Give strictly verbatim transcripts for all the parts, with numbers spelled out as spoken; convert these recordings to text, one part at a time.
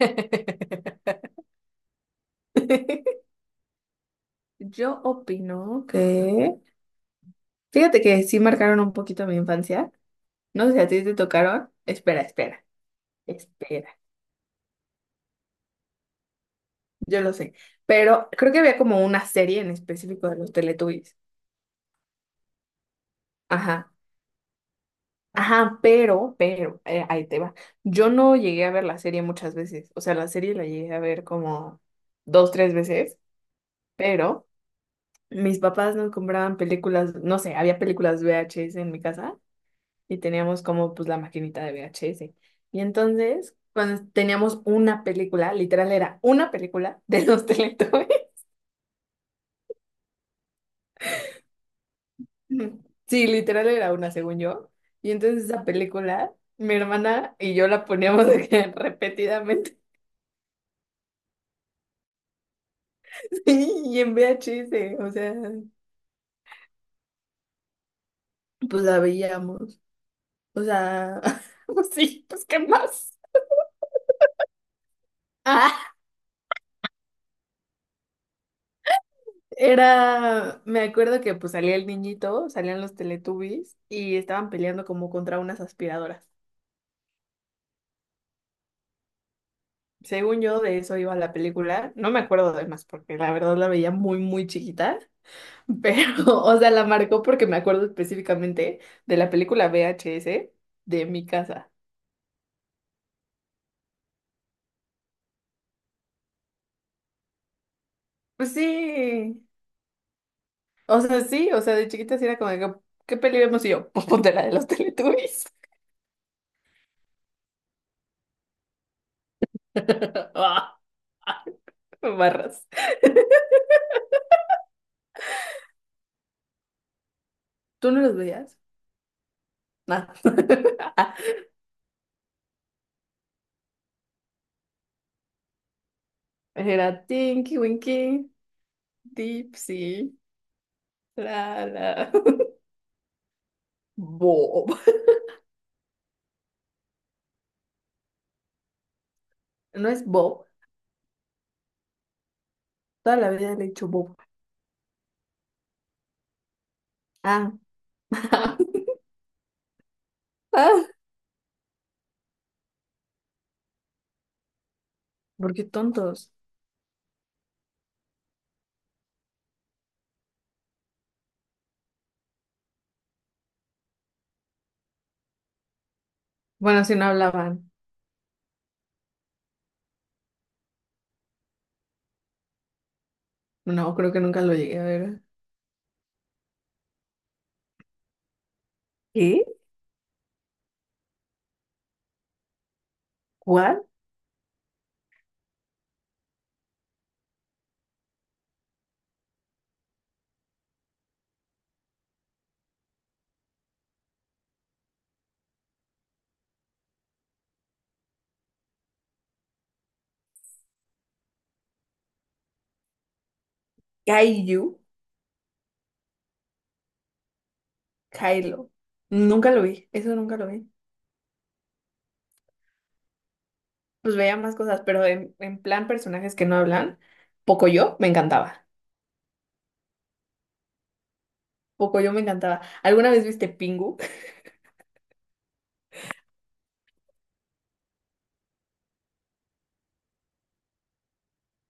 Yo opino que, fíjate que sí marcaron un poquito mi infancia. No sé si a ti te tocaron. Espera, espera, espera. Yo lo sé. Pero creo que había como una serie en específico de los Teletubbies. Ajá. Ajá, pero, pero, eh, ahí te va. Yo no llegué a ver la serie muchas veces. O sea, la serie la llegué a ver como dos, tres veces. Pero mis papás nos compraban películas, no sé, había películas V H S en mi casa. Y teníamos como pues la maquinita de V H S. Y entonces, cuando teníamos una película, literal era una película de los Teletubbies. Ujú. Sí, literal era una, según yo. Y entonces esa película, mi hermana y yo la poníamos de que repetidamente, sí, y en V H S, o sea, pues la veíamos. O sea, pues sí, pues ¿qué más? Ah, era, me acuerdo que pues salía el niñito, salían los Teletubbies y estaban peleando como contra unas aspiradoras. Según yo, de eso iba la película. No me acuerdo de más porque la verdad la veía muy, muy chiquita. Pero, o sea, la marcó porque me acuerdo específicamente de la película V H S de mi casa. Pues sí. O sea, sí. O sea, de chiquita sí era como, de que, ¿qué peli vemos? Y yo, pues ponte la de los Teletubbies. Ah, barras. ¿Tú no los veías? Nada. Era Tinky Winky, Dipsy, la la. Bob. ¿No es Bob? Toda la vida le he dicho bobo. Ah, ah, ¿por qué tontos? Bueno, si no hablaban. No, creo que nunca lo llegué a ver. ¿Qué? ¿What? Kaiju, Kylo. Nunca lo vi, eso nunca lo vi. Pues veía más cosas, pero en, en plan personajes que no hablan, Pocoyo me encantaba. Pocoyo me encantaba. ¿Alguna vez viste Pingu?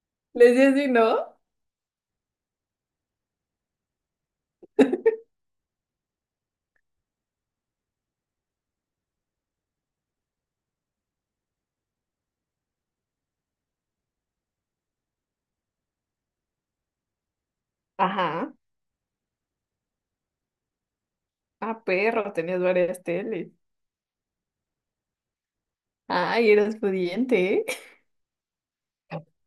Les decía así, ¿no? Ajá. Ah, perro, tenías varias teles. Ay, eras pudiente, ¿eh?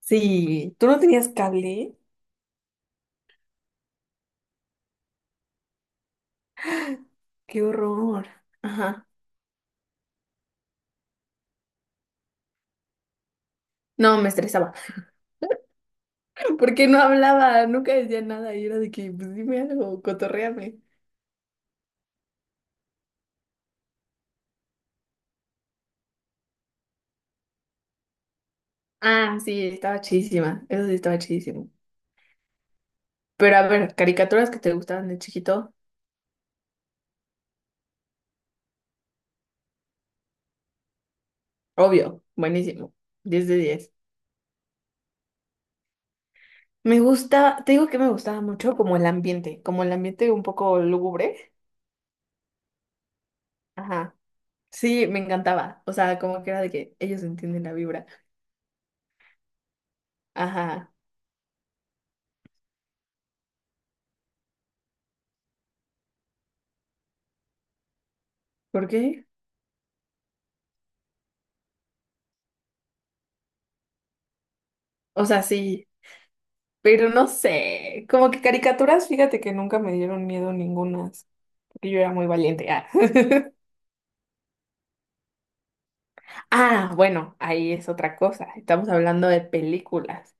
Sí, ¿tú no tenías cable? Qué horror. Ajá. No, me estresaba. Porque no hablaba, nunca decía nada. Y era de que, pues dime algo, cotorréame. Ah, sí, estaba chidísima. Eso sí estaba chidísimo. Pero a ver, caricaturas que te gustaban de chiquito. Obvio, buenísimo. Diez de diez. Me gusta, te digo que me gustaba mucho como el ambiente, como el ambiente un poco lúgubre. Ajá. Sí, me encantaba. O sea, como que era de que ellos entienden la vibra. Ajá. ¿Por qué? O sea, sí. Pero no sé, como que caricaturas, fíjate que nunca me dieron miedo ningunas, porque yo era muy valiente. Ah, ah, bueno, ahí es otra cosa. Estamos hablando de películas.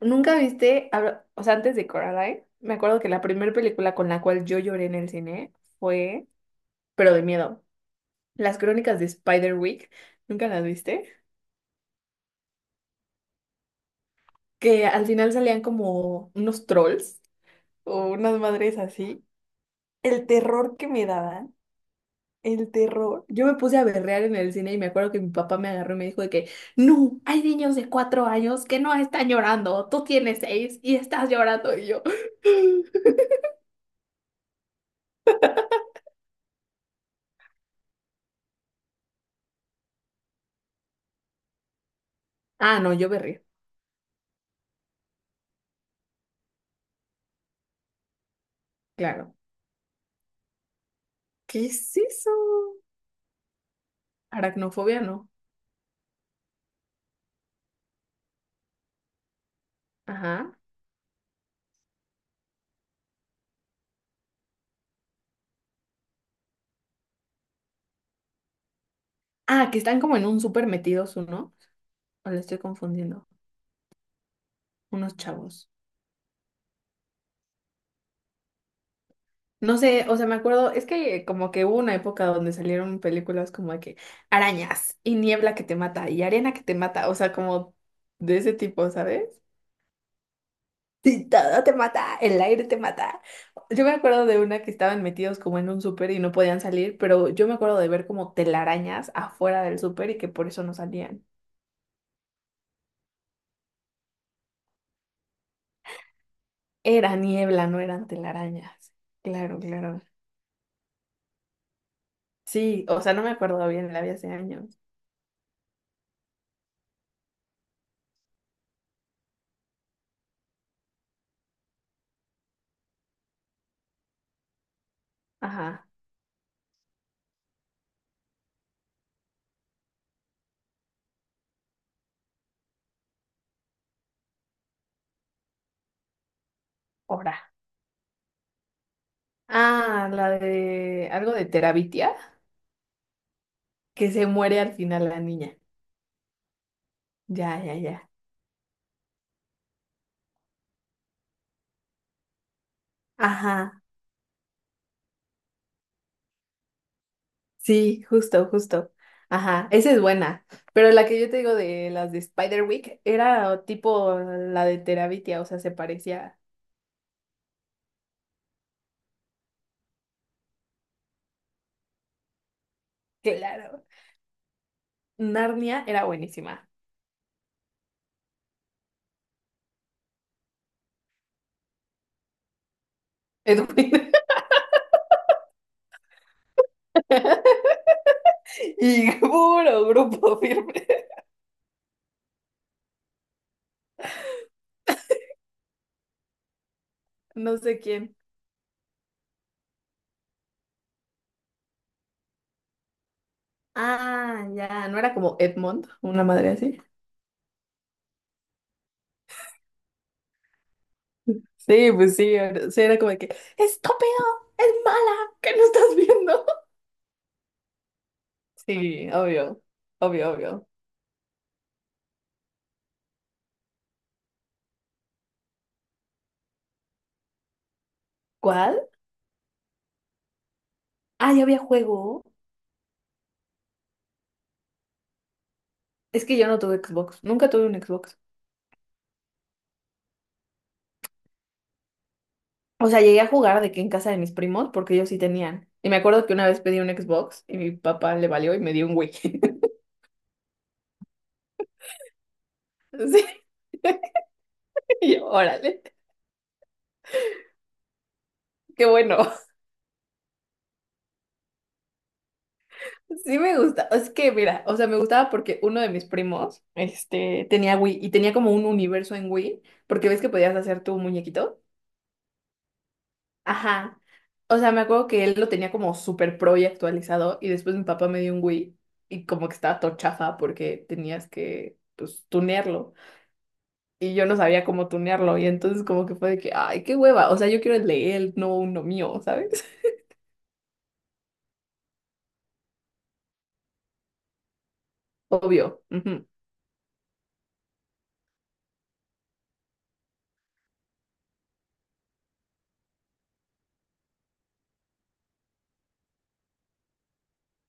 ¿Nunca viste, habla- o sea, antes de Coraline, me acuerdo que la primera película con la cual yo lloré en el cine fue, pero de miedo, Las Crónicas de Spiderwick. ¿Nunca las viste? Que al final salían como unos trolls o unas madres así. El terror que me daban. El terror. Yo me puse a berrear en el cine y me acuerdo que mi papá me agarró y me dijo de que, no, hay niños de cuatro años que no están llorando, tú tienes seis y estás llorando y yo. Ah, no, yo berré, claro. ¿Qué es eso? Aracnofobia, no. Ajá. Ah, que están como en un súper metidos, ¿no? O le estoy confundiendo. Unos chavos. No sé, o sea, me acuerdo, es que como que hubo una época donde salieron películas como de que arañas y niebla que te mata y arena que te mata, o sea, como de ese tipo, ¿sabes? Sí, todo te mata, el aire te mata. Yo me acuerdo de una que estaban metidos como en un súper y no podían salir, pero yo me acuerdo de ver como telarañas afuera del súper y que por eso no salían. Era niebla, no eran telarañas. Claro, claro. Sí, o sea, no me acuerdo bien, la vi hace años. Ajá. Ah, la de algo de Terabitia, que se muere al final la niña. Ya, ya, ya. Ajá, sí, justo, justo. Ajá, esa es buena. Pero la que yo te digo de las de Spiderwick era tipo la de Terabitia, o sea, se parecía. Claro. Narnia era buenísima. Edwin. Y puro grupo firme. No sé quién. Ah, ya, ¿no era como Edmond, una madre así? Sí, pues sí, era- sí, era como de que, estúpido, es mala, ¿qué no estás viendo? Sí, obvio, obvio, obvio. ¿Cuál? Ah, ya había juego. Es que yo no tuve Xbox, nunca tuve un Xbox. O sea, llegué a jugar de que en casa de mis primos, porque ellos sí tenían. Y me acuerdo que una vez pedí un Xbox y mi papá le valió y me dio un Wii. Sí, y yo, órale, qué bueno. Sí me gusta, es que mira, o sea, me gustaba porque uno de mis primos, este, tenía Wii y tenía como un universo en Wii, porque ves que podías hacer tu muñequito. Ajá. O sea, me acuerdo que él lo tenía como super pro y actualizado y después mi papá me dio un Wii y como que estaba todo chafa porque tenías que, pues, tunearlo y yo no sabía cómo tunearlo y entonces como que fue de que, ay, qué hueva, o sea, yo quiero el de él, no uno mío, ¿sabes? Obvio, ujú,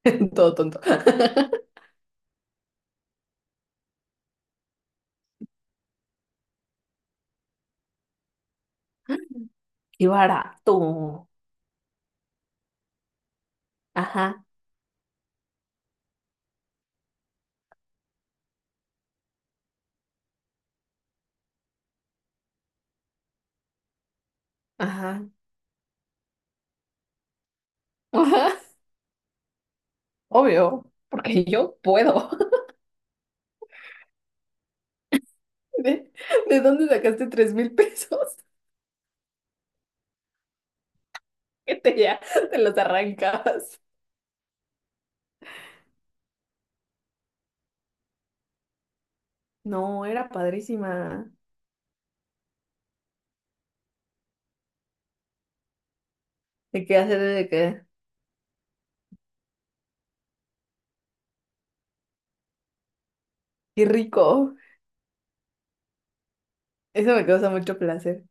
todo tonto. Y barato. Ajá. Ajá, ajá, obvio, porque yo puedo. ¿De, de dónde sacaste tres mil pesos? Que te ya te los arrancabas. No, era padrísima. ¿De qué hacer? ¿De qué? Qué rico. Eso me causa mucho placer.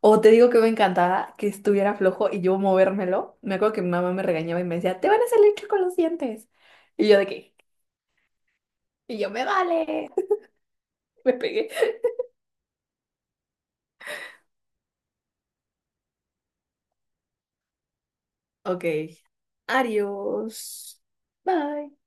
O te digo que me encantaba que estuviera flojo y yo movérmelo. Me acuerdo que mi mamá me regañaba y me decía, te van a salir chuecos los dientes. ¿Y yo de qué? Y yo me vale. Me pegué. Ok. Adiós. Bye.